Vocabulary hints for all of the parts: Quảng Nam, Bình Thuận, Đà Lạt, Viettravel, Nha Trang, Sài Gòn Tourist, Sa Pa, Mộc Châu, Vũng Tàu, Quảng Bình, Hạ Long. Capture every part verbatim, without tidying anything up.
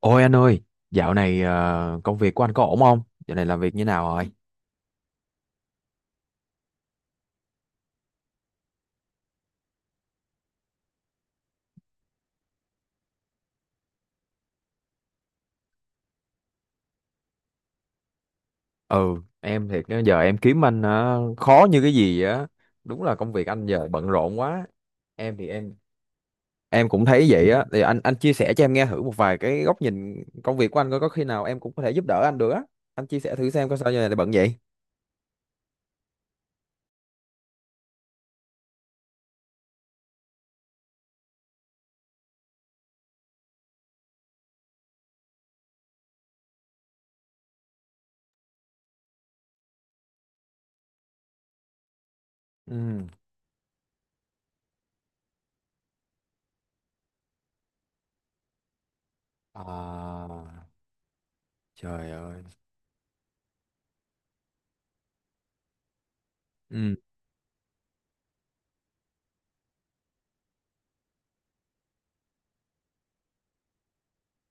Ôi anh ơi, dạo này ờ, công việc của anh có ổn không? Dạo này làm việc như nào rồi? Ừ, em thiệt á, giờ em kiếm anh ờ, khó như cái gì á. Đúng là công việc anh giờ bận rộn quá. Em thì em em cũng thấy vậy á. Thì anh anh chia sẻ cho em nghe thử một vài cái góc nhìn công việc của anh coi có khi nào em cũng có thể giúp đỡ anh được á. Anh chia sẻ thử xem có sao giờ này lại bận vậy. Ừ. À, trời ơi. Ừ.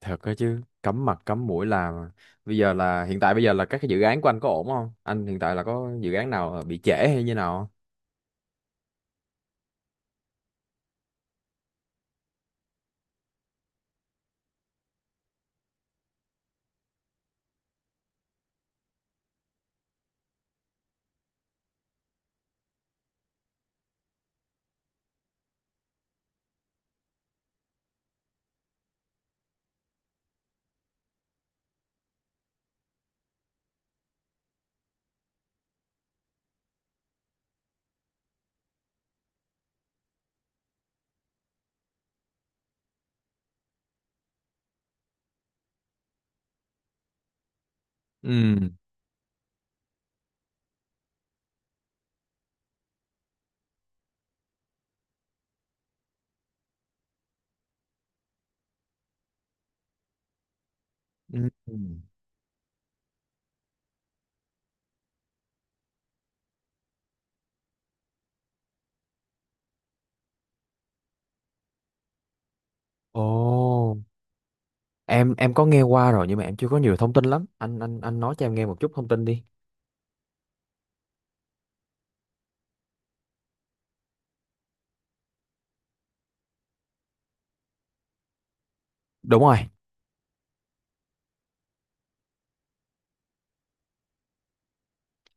Thật đó chứ, cắm mặt cắm mũi làm. Bây giờ là hiện tại bây giờ là các cái dự án của anh có ổn không? Anh hiện tại là có dự án nào bị trễ hay như nào không? Ừ. Ừ. Ồ, em em có nghe qua rồi nhưng mà em chưa có nhiều thông tin lắm. Anh anh anh nói cho em nghe một chút thông tin đi. Đúng rồi.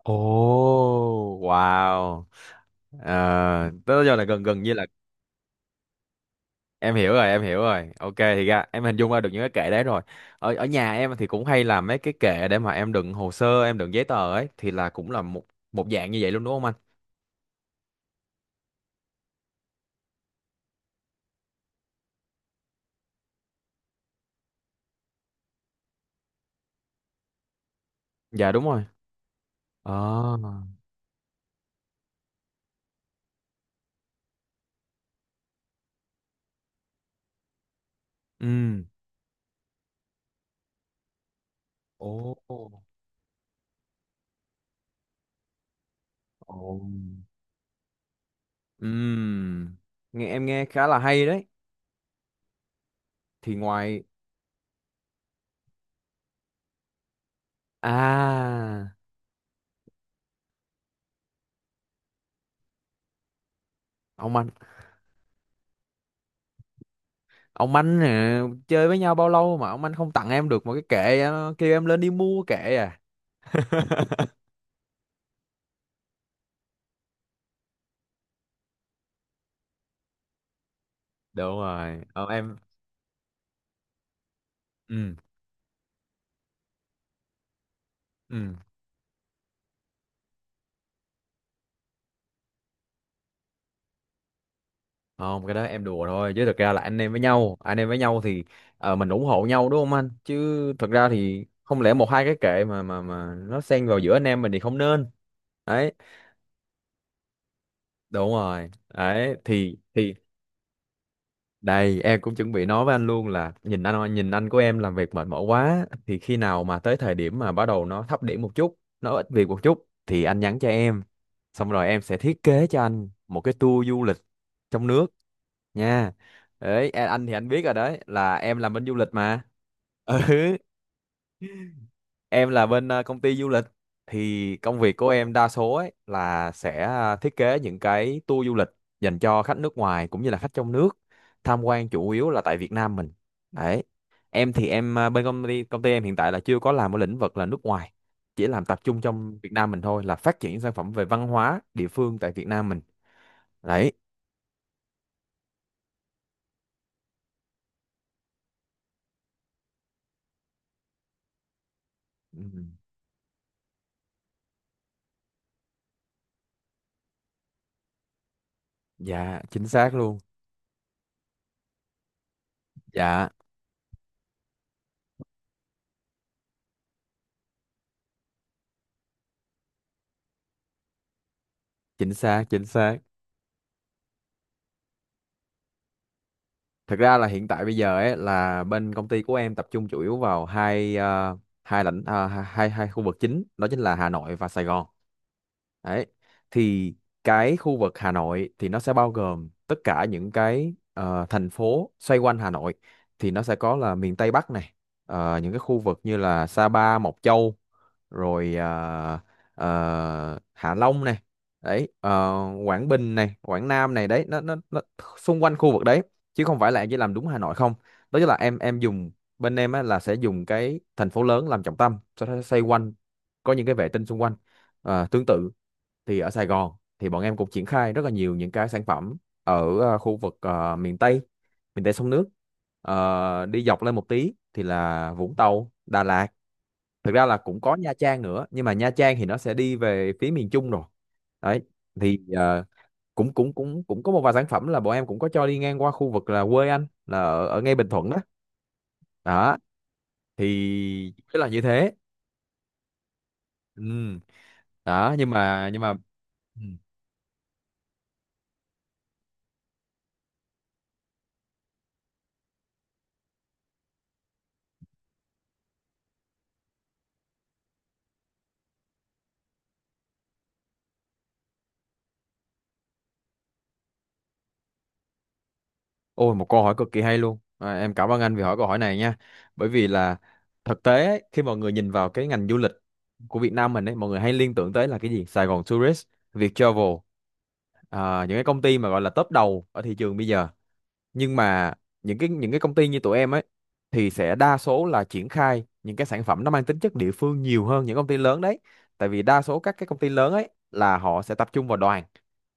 Ồ, wow. Ờ, tới giờ là gần gần như là em hiểu rồi em hiểu rồi ok, thì ra em hình dung ra được những cái kệ đấy rồi. Ở ở nhà em thì cũng hay làm mấy cái kệ để mà em đựng hồ sơ, em đựng giấy tờ ấy, thì là cũng là một một dạng như vậy luôn, đúng không anh? Dạ, đúng rồi. Ờ. Ừ. Ồ. Ồ. Ừ. Nghe em nghe khá là hay đấy. Thì ngoài à, ông anh ông anh nè, chơi với nhau bao lâu mà ông anh không tặng em được một cái kệ, ờ, kêu em lên đi mua kệ à? Đúng rồi. ờ, em. Ừ. Ừ. Không, cái đó em đùa thôi, chứ thực ra là anh em với nhau anh em với nhau thì ờ, mình ủng hộ nhau, đúng không anh? Chứ thực ra thì không lẽ một hai cái kệ mà mà mà nó xen vào giữa anh em mình thì không nên. Đấy. Đúng rồi đấy. Thì thì Đây, em cũng chuẩn bị nói với anh luôn là nhìn anh, nhìn anh của em làm việc mệt mỏi quá, thì khi nào mà tới thời điểm mà bắt đầu nó thấp điểm một chút, nó ít việc một chút thì anh nhắn cho em. Xong rồi em sẽ thiết kế cho anh một cái tour du lịch trong nước nha. Đấy, a- anh thì anh biết rồi đấy, là em làm bên du lịch mà. Ừ, em là bên ờ, công ty du lịch, thì công việc của em đa số ấy là sẽ ờ, thiết kế những cái tour du lịch dành cho khách nước ngoài cũng như là khách trong nước, tham quan chủ yếu là tại Việt Nam mình. Đấy. Em thì em, ờ, bên công ty công ty em hiện tại là chưa có làm ở lĩnh vực là nước ngoài, chỉ làm tập trung trong Việt Nam mình thôi, là phát triển sản phẩm về văn hóa địa phương tại Việt Nam mình. Đấy. Ừ. Dạ chính xác luôn. Dạ, chính xác, chính xác. Thực ra là hiện tại bây giờ ấy, là bên công ty của em tập trung chủ yếu vào hai ờ, hai lãnh ờ, hai hai khu vực chính, đó chính là Hà Nội và Sài Gòn. Đấy. Thì cái khu vực Hà Nội thì nó sẽ bao gồm tất cả những cái ờ, thành phố xoay quanh Hà Nội, thì nó sẽ có là miền Tây Bắc này, ờ, những cái khu vực như là Sa Pa, Mộc Châu, rồi ờ, ờ, Hạ Long này. Đấy, ờ, Quảng Bình này, Quảng Nam này, đấy, nó nó nó xung quanh khu vực đấy, chứ không phải là em chỉ làm đúng Hà Nội không. Đó chính là em em dùng, bên em á, là sẽ dùng cái thành phố lớn làm trọng tâm, sau đó xoay quanh có những cái vệ tinh xung quanh. À, tương tự thì ở Sài Gòn thì bọn em cũng triển khai rất là nhiều những cái sản phẩm ở à, khu vực à, miền Tây, miền Tây sông nước. Ờ, đi dọc lên một tí thì là Vũng Tàu, Đà Lạt. Thực ra là cũng có Nha Trang nữa, nhưng mà Nha Trang thì nó sẽ đi về phía miền Trung rồi. Đấy. Thì ờ, cũng cũng cũng cũng có một vài sản phẩm là bọn em cũng có cho đi ngang qua khu vực là quê anh, là ở, ở ngay Bình Thuận đó. Đó thì tức là như thế. Ừ. Đó, nhưng mà nhưng mà. Ừ. Ôi, một câu hỏi cực kỳ hay luôn à, em cảm ơn anh vì hỏi câu hỏi này nha. Bởi vì là thực tế ấy, khi mọi người nhìn vào cái ngành du lịch của Việt Nam mình ấy, mọi người hay liên tưởng tới là cái gì? Sài Gòn Tourist, Viettravel, à, những cái công ty mà gọi là top đầu ở thị trường bây giờ. Nhưng mà những cái những cái công ty như tụi em ấy thì sẽ đa số là triển khai những cái sản phẩm nó mang tính chất địa phương nhiều hơn những công ty lớn đấy. Tại vì đa số các cái công ty lớn ấy là họ sẽ tập trung vào đoàn,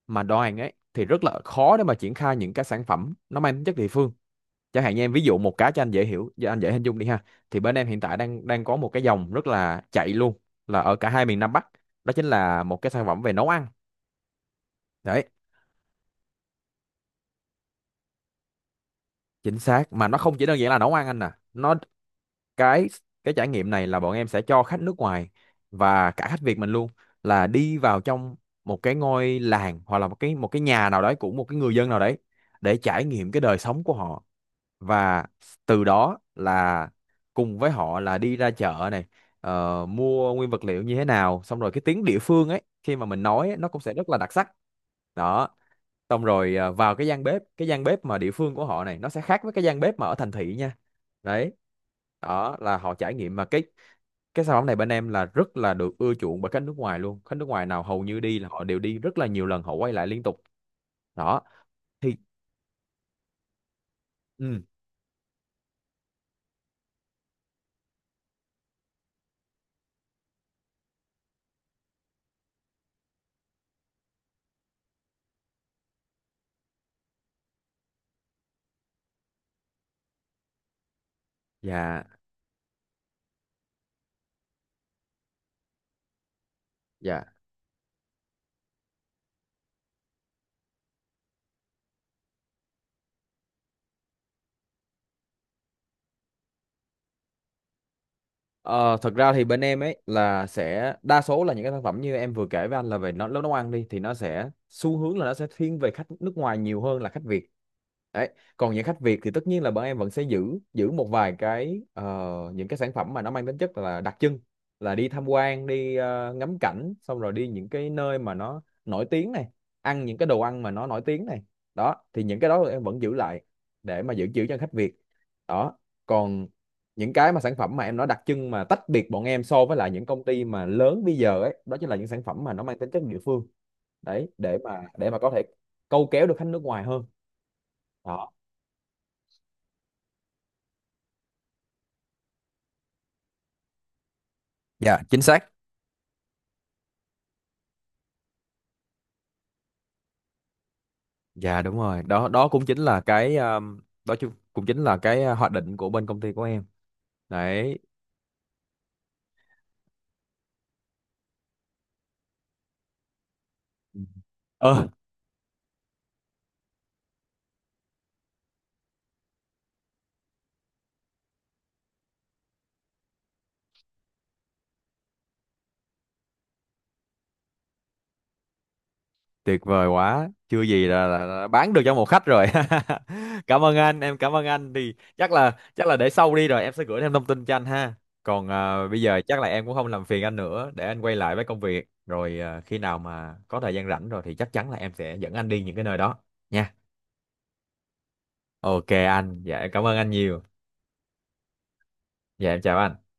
mà đoàn ấy thì rất là khó để mà triển khai những cái sản phẩm nó mang tính chất địa phương. Chẳng hạn như em ví dụ một cái cho anh dễ hiểu, cho anh dễ hình dung đi ha. Thì bên em hiện tại đang đang có một cái dòng rất là chạy luôn, là ở cả hai miền Nam Bắc, đó chính là một cái sản phẩm về nấu ăn. Đấy. Chính xác, mà nó không chỉ đơn giản là nấu ăn anh nè. Nó, cái cái trải nghiệm này là bọn em sẽ cho khách nước ngoài và cả khách Việt mình luôn, là đi vào trong một cái ngôi làng, hoặc là một cái, một cái nhà nào đấy của một cái người dân nào đấy, để trải nghiệm cái đời sống của họ. Và từ đó là cùng với họ là đi ra chợ này, ờ, mua nguyên vật liệu như thế nào, xong rồi cái tiếng địa phương ấy khi mà mình nói ấy, nó cũng sẽ rất là đặc sắc. Đó. Xong rồi à, vào cái gian bếp, cái gian bếp mà địa phương của họ này, nó sẽ khác với cái gian bếp mà ở thành thị nha. Đấy. Đó là họ trải nghiệm. Mà cái cái sản phẩm này bên em là rất là được ưa chuộng bởi khách nước ngoài luôn. Khách nước ngoài nào hầu như đi là họ đều đi rất là nhiều lần, họ quay lại liên tục. Đó thì. Ừ. Dạ. Dạ. Ờ, thật ra thì bên em ấy là sẽ đa số là những cái sản phẩm như em vừa kể với anh là về nó, nấu nấu ăn đi, thì nó sẽ xu hướng là nó sẽ thiên về khách nước ngoài nhiều hơn là khách Việt. Đấy. Còn những khách Việt thì tất nhiên là bọn em vẫn sẽ giữ giữ một vài cái ờ, những cái sản phẩm mà nó mang tính chất là đặc trưng, là đi tham quan, đi ờ, ngắm cảnh, xong rồi đi những cái nơi mà nó nổi tiếng này, ăn những cái đồ ăn mà nó nổi tiếng này. Đó thì những cái đó em vẫn giữ lại để mà giữ giữ cho khách Việt. Đó. Còn những cái mà sản phẩm mà em nói đặc trưng mà tách biệt bọn em so với lại những công ty mà lớn bây giờ ấy, đó chính là những sản phẩm mà nó mang tính chất địa phương. Đấy, để mà để mà có thể câu kéo được khách nước ngoài hơn. Đó. Dạ, chính xác. Dạ đúng rồi. Đó, đó cũng chính là cái um, đó chứ- cũng chính là cái uh, hoạch định của bên công ty của em. Đấy. Ừ. Ờ, tuyệt vời quá, chưa gì là, là, là bán được cho một khách rồi. Cảm ơn anh, em cảm ơn anh. Thì chắc là chắc là để sau đi rồi em sẽ gửi thêm thông tin cho anh ha. Còn à, bây giờ chắc là em cũng không làm phiền anh nữa, để anh quay lại với công việc. Rồi à, khi nào mà có thời gian rảnh rồi thì chắc chắn là em sẽ dẫn anh đi những cái nơi đó nha. Ok anh, dạ em cảm ơn anh nhiều. Dạ em chào anh.